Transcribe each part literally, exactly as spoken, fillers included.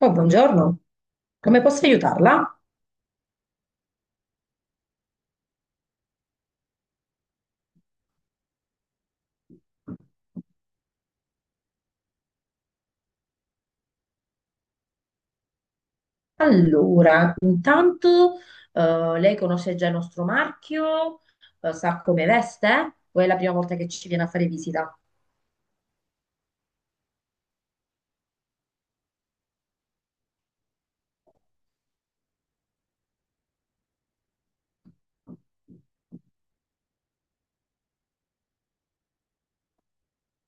Oh, buongiorno, come posso aiutarla? Allora, intanto eh, lei conosce già il nostro marchio. Eh, sa come veste? O è la prima volta che ci viene a fare visita?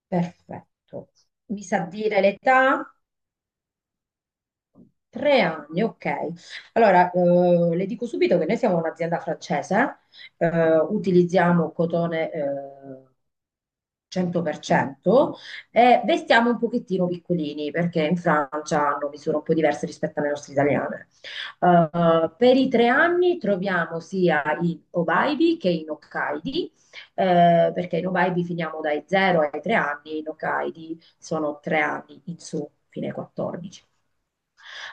Perfetto. Mi sa dire l'età? Tre anni, ok. Allora, eh, le dico subito che noi siamo un'azienda francese, eh, utilizziamo cotone, eh, cento per cento e vestiamo un pochettino piccolini perché in Francia hanno misure un po' diverse rispetto alle nostre italiane. Eh, per i tre anni troviamo sia in Obaibi che in Hokkaidi, eh, perché in Obaibi finiamo dai zero ai tre anni, in Hokkaidi sono tre anni in su, fino ai quattordici.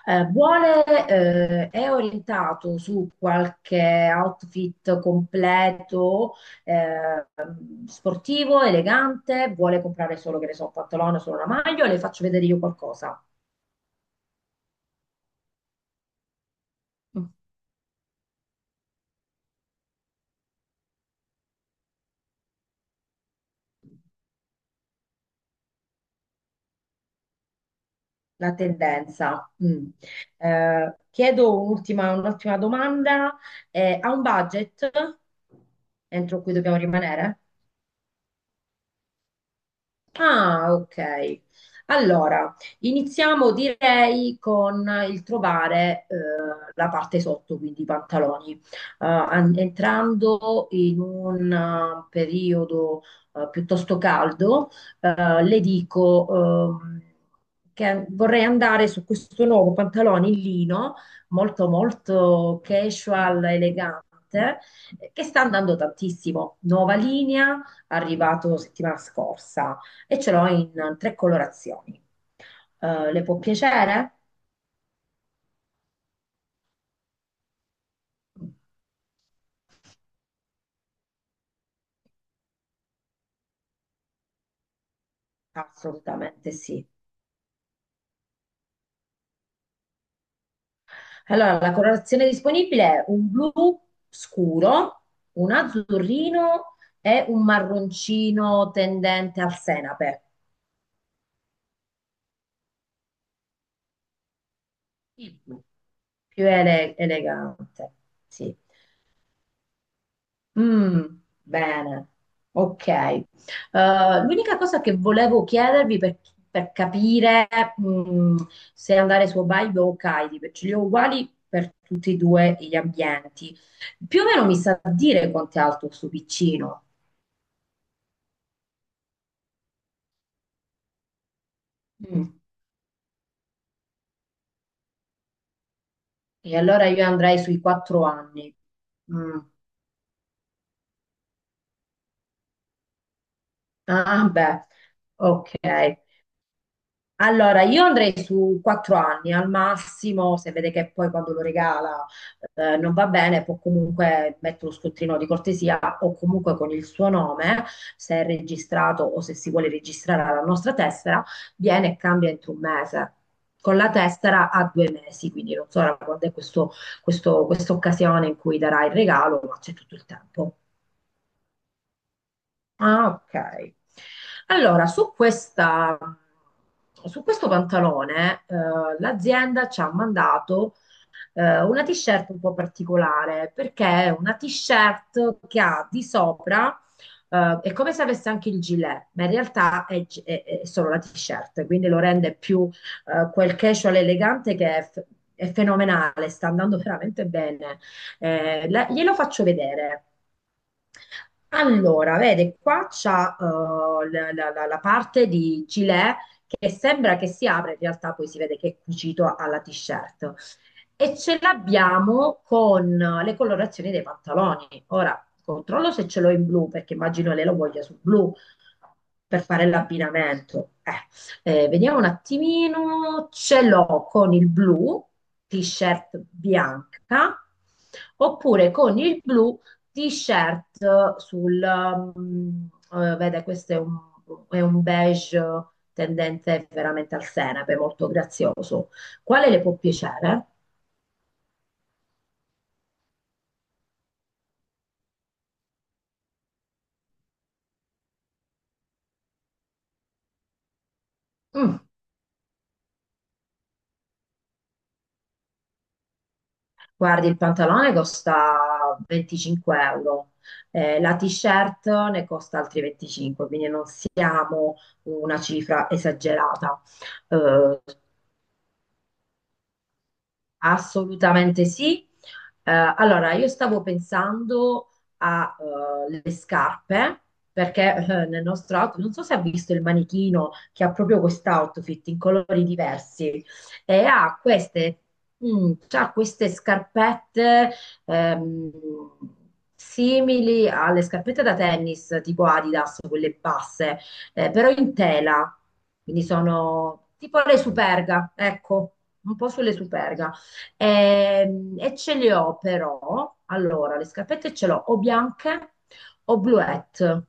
Eh, vuole, eh, è orientato su qualche outfit completo, eh, sportivo, elegante, vuole comprare solo, che ne so, un pantalone, solo una maglia, o le faccio vedere io qualcosa? Mm. La tendenza. Mm. Eh, chiedo un'ultima un'ultima domanda. Eh, ha un budget entro cui dobbiamo rimanere? Ah, ok. Allora, iniziamo direi con il trovare eh, la parte sotto, quindi i pantaloni. Eh, an- entrando in un eh, periodo eh, piuttosto caldo, eh, le dico ehm, che vorrei andare su questo nuovo pantalone in lino, molto molto casual, elegante, eh, che sta andando tantissimo. Nuova linea, arrivato settimana scorsa e ce l'ho in tre colorazioni. Eh, le può piacere? Assolutamente sì. Allora, la colorazione disponibile è un blu scuro, un azzurrino e un marroncino tendente al senape. Il blu, più ele- elegante. Sì. Mm, bene, ok. Eh, l'unica cosa che volevo chiedervi per, per capire mm, se andare su Hokkaido o Hokkaido, perché li ho uguali per tutti e due gli ambienti, più o meno mi sa dire quanto è alto sto piccino. Mm, E allora io andrei sui quattro anni. Mm. Ah, beh, ok. Allora, io andrei su quattro anni al massimo, se vede che poi quando lo regala eh, non va bene, può comunque mettere uno scontrino di cortesia o comunque con il suo nome, se è registrato o se si vuole registrare alla nostra tessera, viene e cambia entro un mese. Con la tessera a due mesi, quindi non so ora quando è questo- questo- questa occasione in cui darà il regalo, ma c'è tutto il tempo. Ah, ok. Allora, su questa, su questo pantalone, eh, l'azienda ci ha mandato eh, una t-shirt un po' particolare, perché è una t-shirt che ha di sopra, eh, è come se avesse anche il gilet, ma in realtà è, è- è solo la t-shirt, quindi lo rende più eh, quel casual elegante che è... f- è fenomenale, sta andando veramente bene. Eh, la- glielo faccio vedere. Allora, vede, qua c'ha eh, la, la- la- la parte di gilet che sembra che si apre, in realtà poi si vede che è cucito alla t-shirt e ce l'abbiamo con le colorazioni dei pantaloni. Ora controllo se ce l'ho in blu, perché immagino lei lo voglia sul blu per fare l'abbinamento. Eh, eh, vediamo un attimino, ce l'ho con il blu, t-shirt bianca, oppure con il blu, t-shirt sul, mm, eh, vede, questo è un, è un beige tendente veramente al senape, molto grazioso. Quale le può piacere? Mm. Guardi, il pantalone costa venticinque euro, eh, la t-shirt ne costa altri venticinque, quindi non siamo una cifra esagerata. Eh, Assolutamente sì. Eh, allora, io stavo pensando alle scarpe, perché eh, nel nostro outfit, non so se ha visto il manichino che ha proprio quest'outfit in colori diversi e ha queste, mm, c'ha queste scarpette ehm, simili alle scarpette da tennis, tipo Adidas, quelle basse, eh, però in tela, quindi sono tipo le Superga, ecco, un po' sulle Superga. Ehm, E, ce le ho però, allora, le scarpette ce l'ho o bianche o bluette.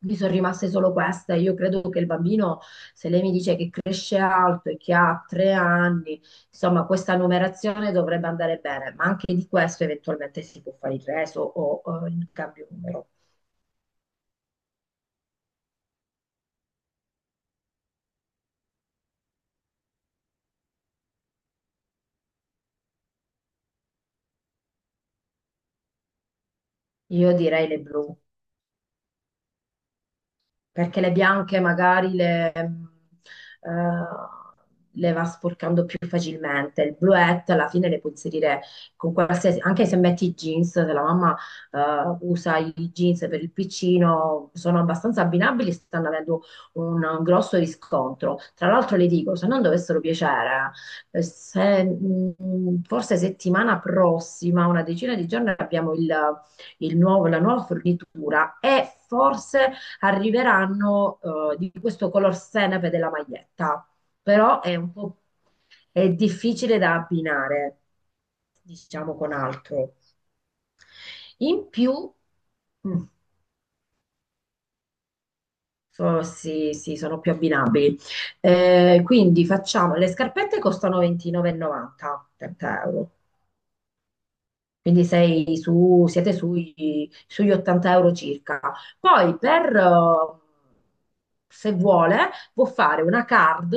Mi sono rimaste solo queste. Io credo che il bambino, se lei mi dice che cresce alto e che ha tre anni, insomma, questa numerazione dovrebbe andare bene, ma anche di questo eventualmente si può fare il reso o, o il cambio numero. Io direi le blu, perché le bianche magari le, eh, le va sporcando più facilmente. Il bluette alla fine le puoi inserire con qualsiasi, anche se metti i jeans, se la mamma eh, usa i jeans per il piccino, sono abbastanza abbinabili, stanno avendo un un grosso riscontro. Tra l'altro le dico, se non dovessero piacere, eh, se, mh, forse settimana prossima, una decina di giorni, abbiamo il, il nuovo- la nuova fornitura e forse arriveranno eh, di questo color senape della maglietta, però è un po' è difficile da abbinare, diciamo, con altro. In più, mm, so- sì, sì, sono più abbinabili. Eh, quindi facciamo, le scarpette costano ventinove e novanta, trenta euro. Quindi sei su- siete sui- sugli ottanta euro circa. Poi per, eh, se vuole, può fare una card,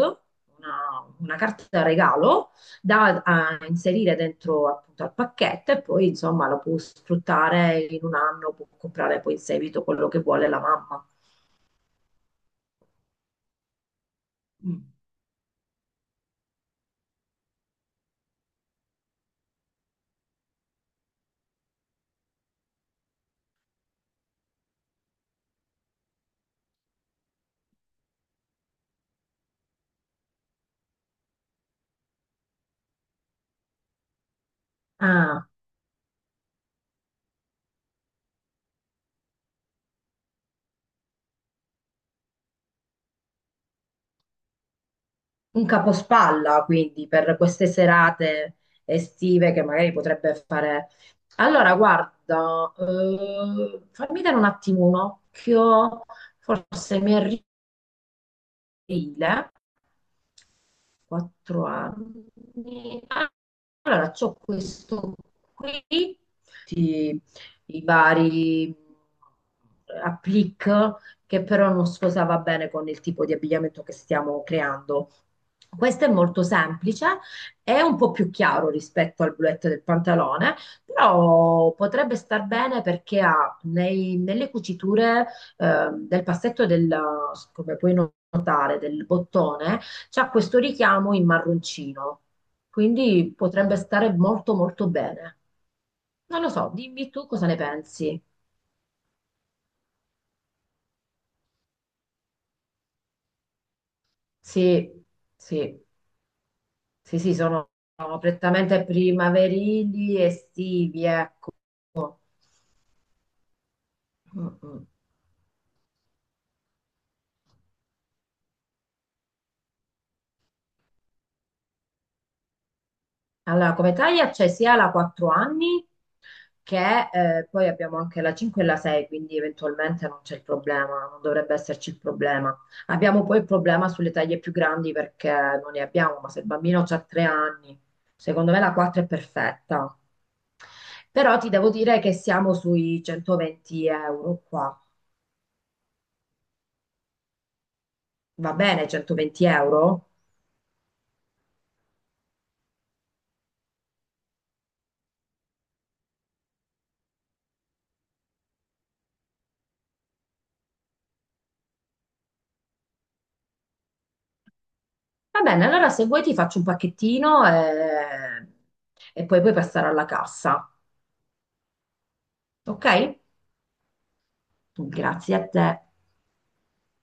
una, una carta regalo da a inserire dentro appunto al pacchetto e poi insomma lo può sfruttare in un anno, può comprare poi in seguito quello che vuole la mamma. Mm. Ah, un capospalla, quindi, per queste serate estive che magari potrebbe fare. Allora, guarda, eh, fammi dare un attimo un occhio, forse mi aprile, quattro anni. Allora c'ho questo qui, tutti i vari applique che però non sposava bene con il tipo di abbigliamento che stiamo creando. Questo è molto semplice, è un po' più chiaro rispetto al bluette del pantalone, però potrebbe star bene perché ha nei- nelle cuciture eh, del passetto del, come puoi notare, del bottone, c'ha questo richiamo in marroncino, quindi potrebbe stare molto molto bene. Non lo so, dimmi tu cosa ne pensi. Sì, sì, sì, sì, sono sono prettamente primaverili, estivi, ecco. Mm, mm. Allora, come taglia c'è sia la quattro anni che eh, poi abbiamo anche la cinque e la sei, quindi eventualmente non c'è il problema, non dovrebbe esserci il problema. Abbiamo poi il problema sulle taglie più grandi perché non ne abbiamo, ma se il bambino ha tre anni, secondo me la quattro è perfetta. Però ti devo dire che siamo sui centoventi euro qua. Va bene, centoventi euro? Va bene, allora se vuoi ti faccio un pacchettino e, e poi puoi passare alla cassa, ok? Grazie a te.